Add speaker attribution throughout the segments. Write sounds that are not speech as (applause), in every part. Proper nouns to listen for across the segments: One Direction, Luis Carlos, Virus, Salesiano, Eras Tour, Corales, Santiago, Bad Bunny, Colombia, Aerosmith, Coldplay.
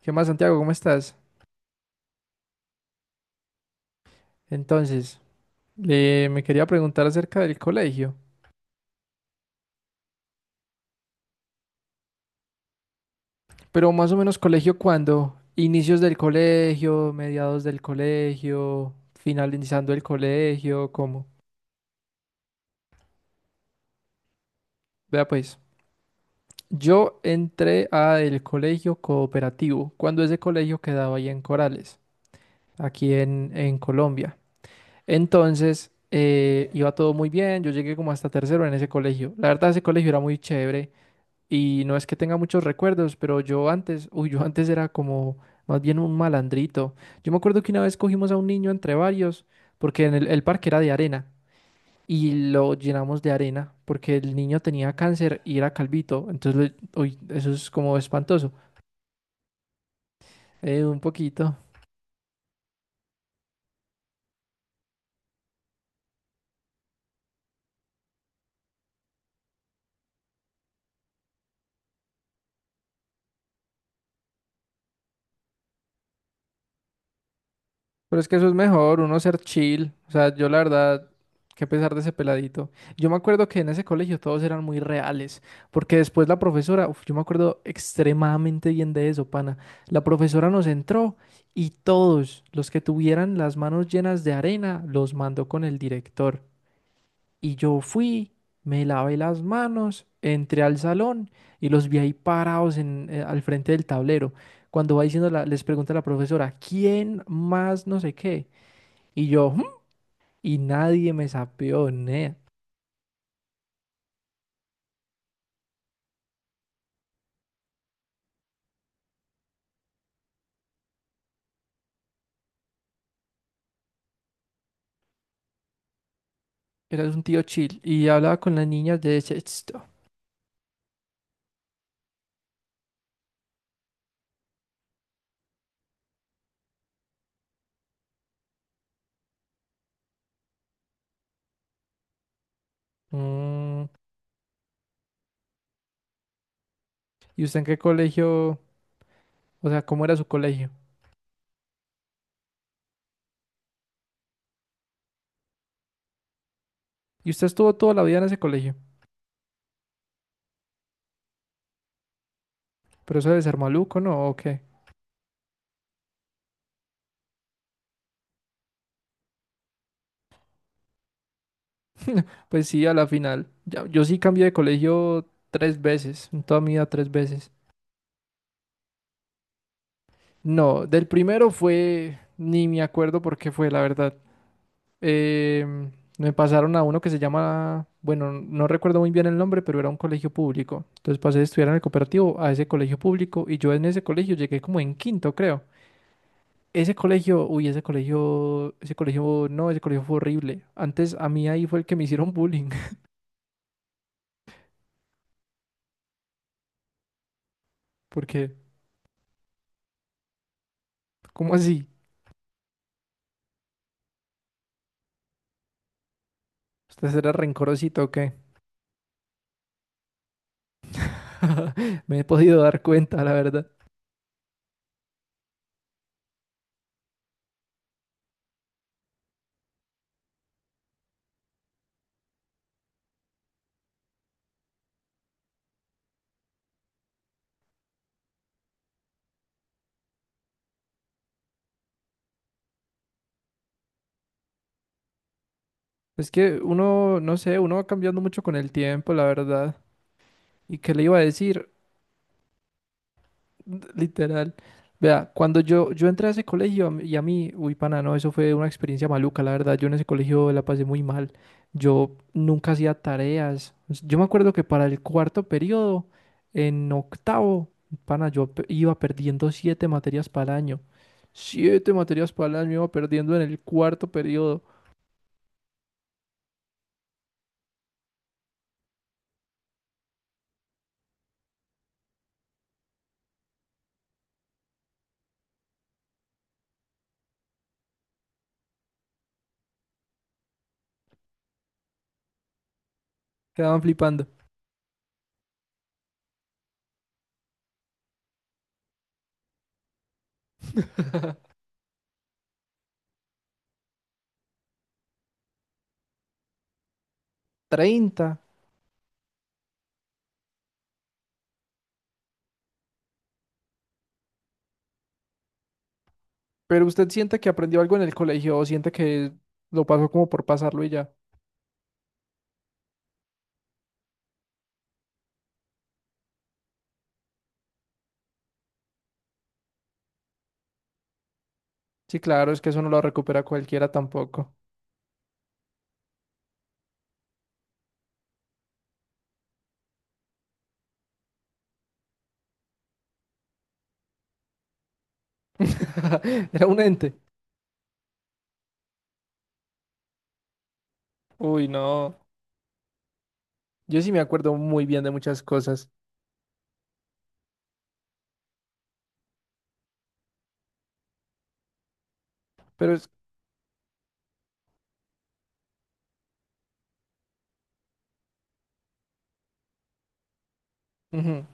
Speaker 1: ¿Qué más, Santiago? ¿Cómo estás? Entonces, me quería preguntar acerca del colegio, pero más o menos colegio cuando inicios del colegio, mediados del colegio, finalizando el colegio, ¿cómo? Vea pues, yo entré a el colegio cooperativo, cuando ese colegio quedaba ahí en Corales, aquí en Colombia. Entonces, iba todo muy bien, yo llegué como hasta tercero en ese colegio. La verdad, ese colegio era muy chévere. Y no es que tenga muchos recuerdos, pero yo antes, uy, yo antes era como más bien un malandrito. Yo me acuerdo que una vez cogimos a un niño entre varios, porque en el parque era de arena, y lo llenamos de arena, porque el niño tenía cáncer y era calvito. Entonces, uy, eso es como espantoso. Un poquito. Pero es que eso es mejor, uno ser chill. O sea, yo la verdad, qué pesar de ese peladito. Yo me acuerdo que en ese colegio todos eran muy reales, porque después la profesora, uf, yo me acuerdo extremadamente bien de eso, pana. La profesora nos entró y todos los que tuvieran las manos llenas de arena los mandó con el director. Y yo fui, me lavé las manos, entré al salón y los vi ahí parados al frente del tablero. Cuando va diciendo, les pregunta la profesora, ¿quién más no sé qué? Y yo, "¿Mm?", y nadie me sapeó, nea. Era un tío chill y hablaba con las niñas de sexto. "Mm, ¿y usted en qué colegio? O sea, ¿cómo era su colegio? Y usted estuvo toda la vida en ese colegio. Pero eso debe ser maluco, ¿no? ¿O qué? Pues sí, a la final. Yo sí cambié de colegio tres veces, en toda mi vida tres veces. No, del primero fue, ni me acuerdo por qué fue, la verdad. em, me pasaron a uno que se llama, bueno, no recuerdo muy bien el nombre, pero era un colegio público. Entonces pasé de estudiar en el cooperativo a ese colegio público y yo en ese colegio llegué como en quinto, creo. Ese colegio, uy, ese colegio, no, ese colegio fue horrible. Antes a mí ahí fue el que me hicieron bullying, (laughs) porque, ¿cómo así? ¿Usted era rencorosito o qué? (laughs) Me he podido dar cuenta, la verdad. Es que uno, no sé, uno va cambiando mucho con el tiempo, la verdad. ¿Y qué le iba a decir? Literal. Vea, cuando yo entré a ese colegio y a mí, uy, pana, no, eso fue una experiencia maluca, la verdad. Yo en ese colegio la pasé muy mal. Yo nunca hacía tareas. Yo me acuerdo que para el cuarto periodo, en octavo, pana, iba perdiendo siete materias para el año. Siete materias para el año iba perdiendo en el cuarto periodo. Quedaban flipando. (laughs) 30. Pero usted siente que aprendió algo en el colegio o siente que lo pasó como por pasarlo y ya. Sí, claro, es que eso no lo recupera cualquiera tampoco. (laughs) Era un ente. Uy, no. Yo sí me acuerdo muy bien de muchas cosas, pero es... ujú.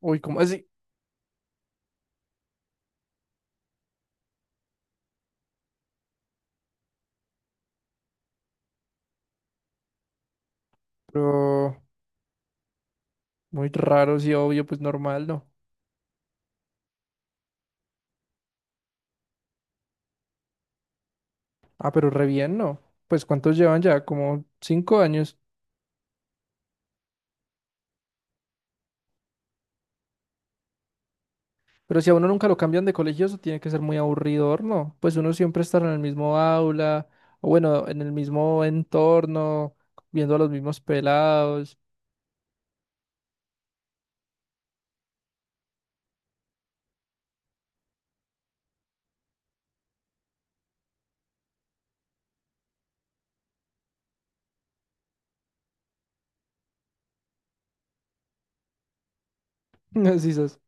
Speaker 1: Uy, ¿cómo así? Pero muy raro, sí, obvio, pues normal, ¿no? Ah, pero re bien, ¿no? Pues ¿cuántos llevan ya? Como 5 años. Pero si a uno nunca lo cambian de colegio, eso tiene que ser muy aburridor, ¿no? Pues uno siempre estará en el mismo aula, o bueno, en el mismo entorno, viendo a los mismos pelados. (laughs) Así es.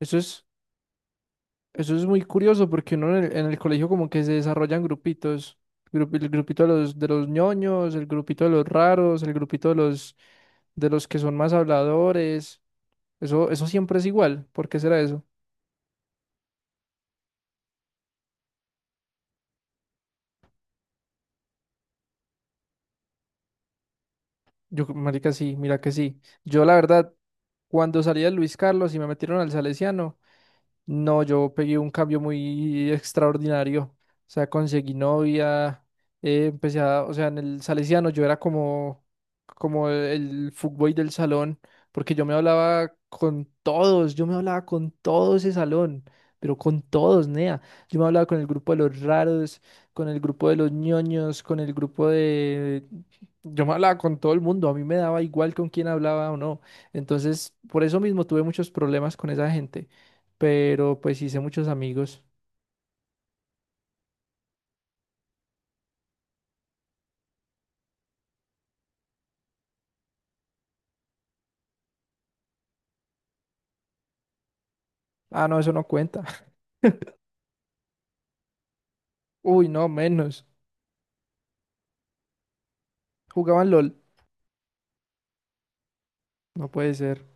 Speaker 1: Eso es... Eso es muy curioso porque uno en el colegio como que se desarrollan grupitos, el grupito de los ñoños, el grupito de los raros, el grupito de los que son más habladores. Eso eso siempre es igual. ¿Por qué será eso? Yo, marica, sí, mira que sí. Yo la verdad, cuando salí de Luis Carlos y me metieron al Salesiano. No, yo pegué un cambio muy extraordinario. O sea, conseguí novia, empecé a, o sea, en el Salesiano yo era como, como el fuckboy del salón, porque yo me hablaba con todos, yo me hablaba con todo ese salón, pero con todos, nea. Yo me hablaba con el grupo de los raros, con el grupo de los ñoños, con el grupo de... Yo me hablaba con todo el mundo, a mí me daba igual con quién hablaba o no. Entonces, por eso mismo tuve muchos problemas con esa gente pero pues hice muchos amigos. Ah, no, eso no cuenta. (laughs) Uy, no, menos. Jugaban LOL. No puede ser.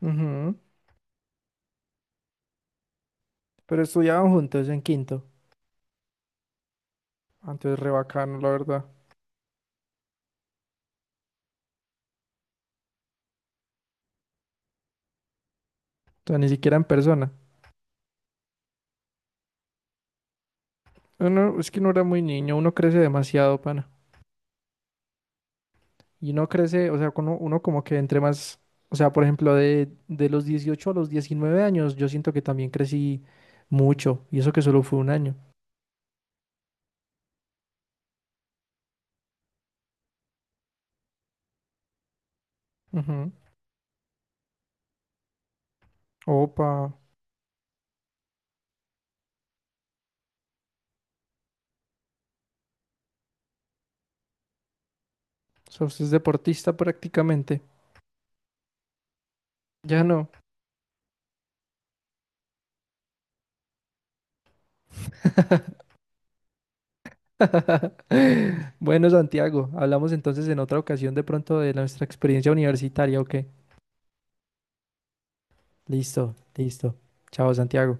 Speaker 1: Ujú. Pero estudiaban juntos en quinto. Antes re bacano, la verdad. O sea, ni siquiera en persona. Uno- es que uno era muy niño, uno crece demasiado, pana. Y uno crece, o sea, uno como que entre más. O sea, por ejemplo, de los 18 a los 19 años, yo siento que también crecí mucho. Y eso que solo fue un año. Ujú. Opa. O sea, usted es deportista prácticamente. Ya no. (laughs) (laughs) Bueno, Santiago, hablamos entonces en otra ocasión de pronto de nuestra experiencia universitaria, ¿o qué? Listo, listo. Chao, Santiago.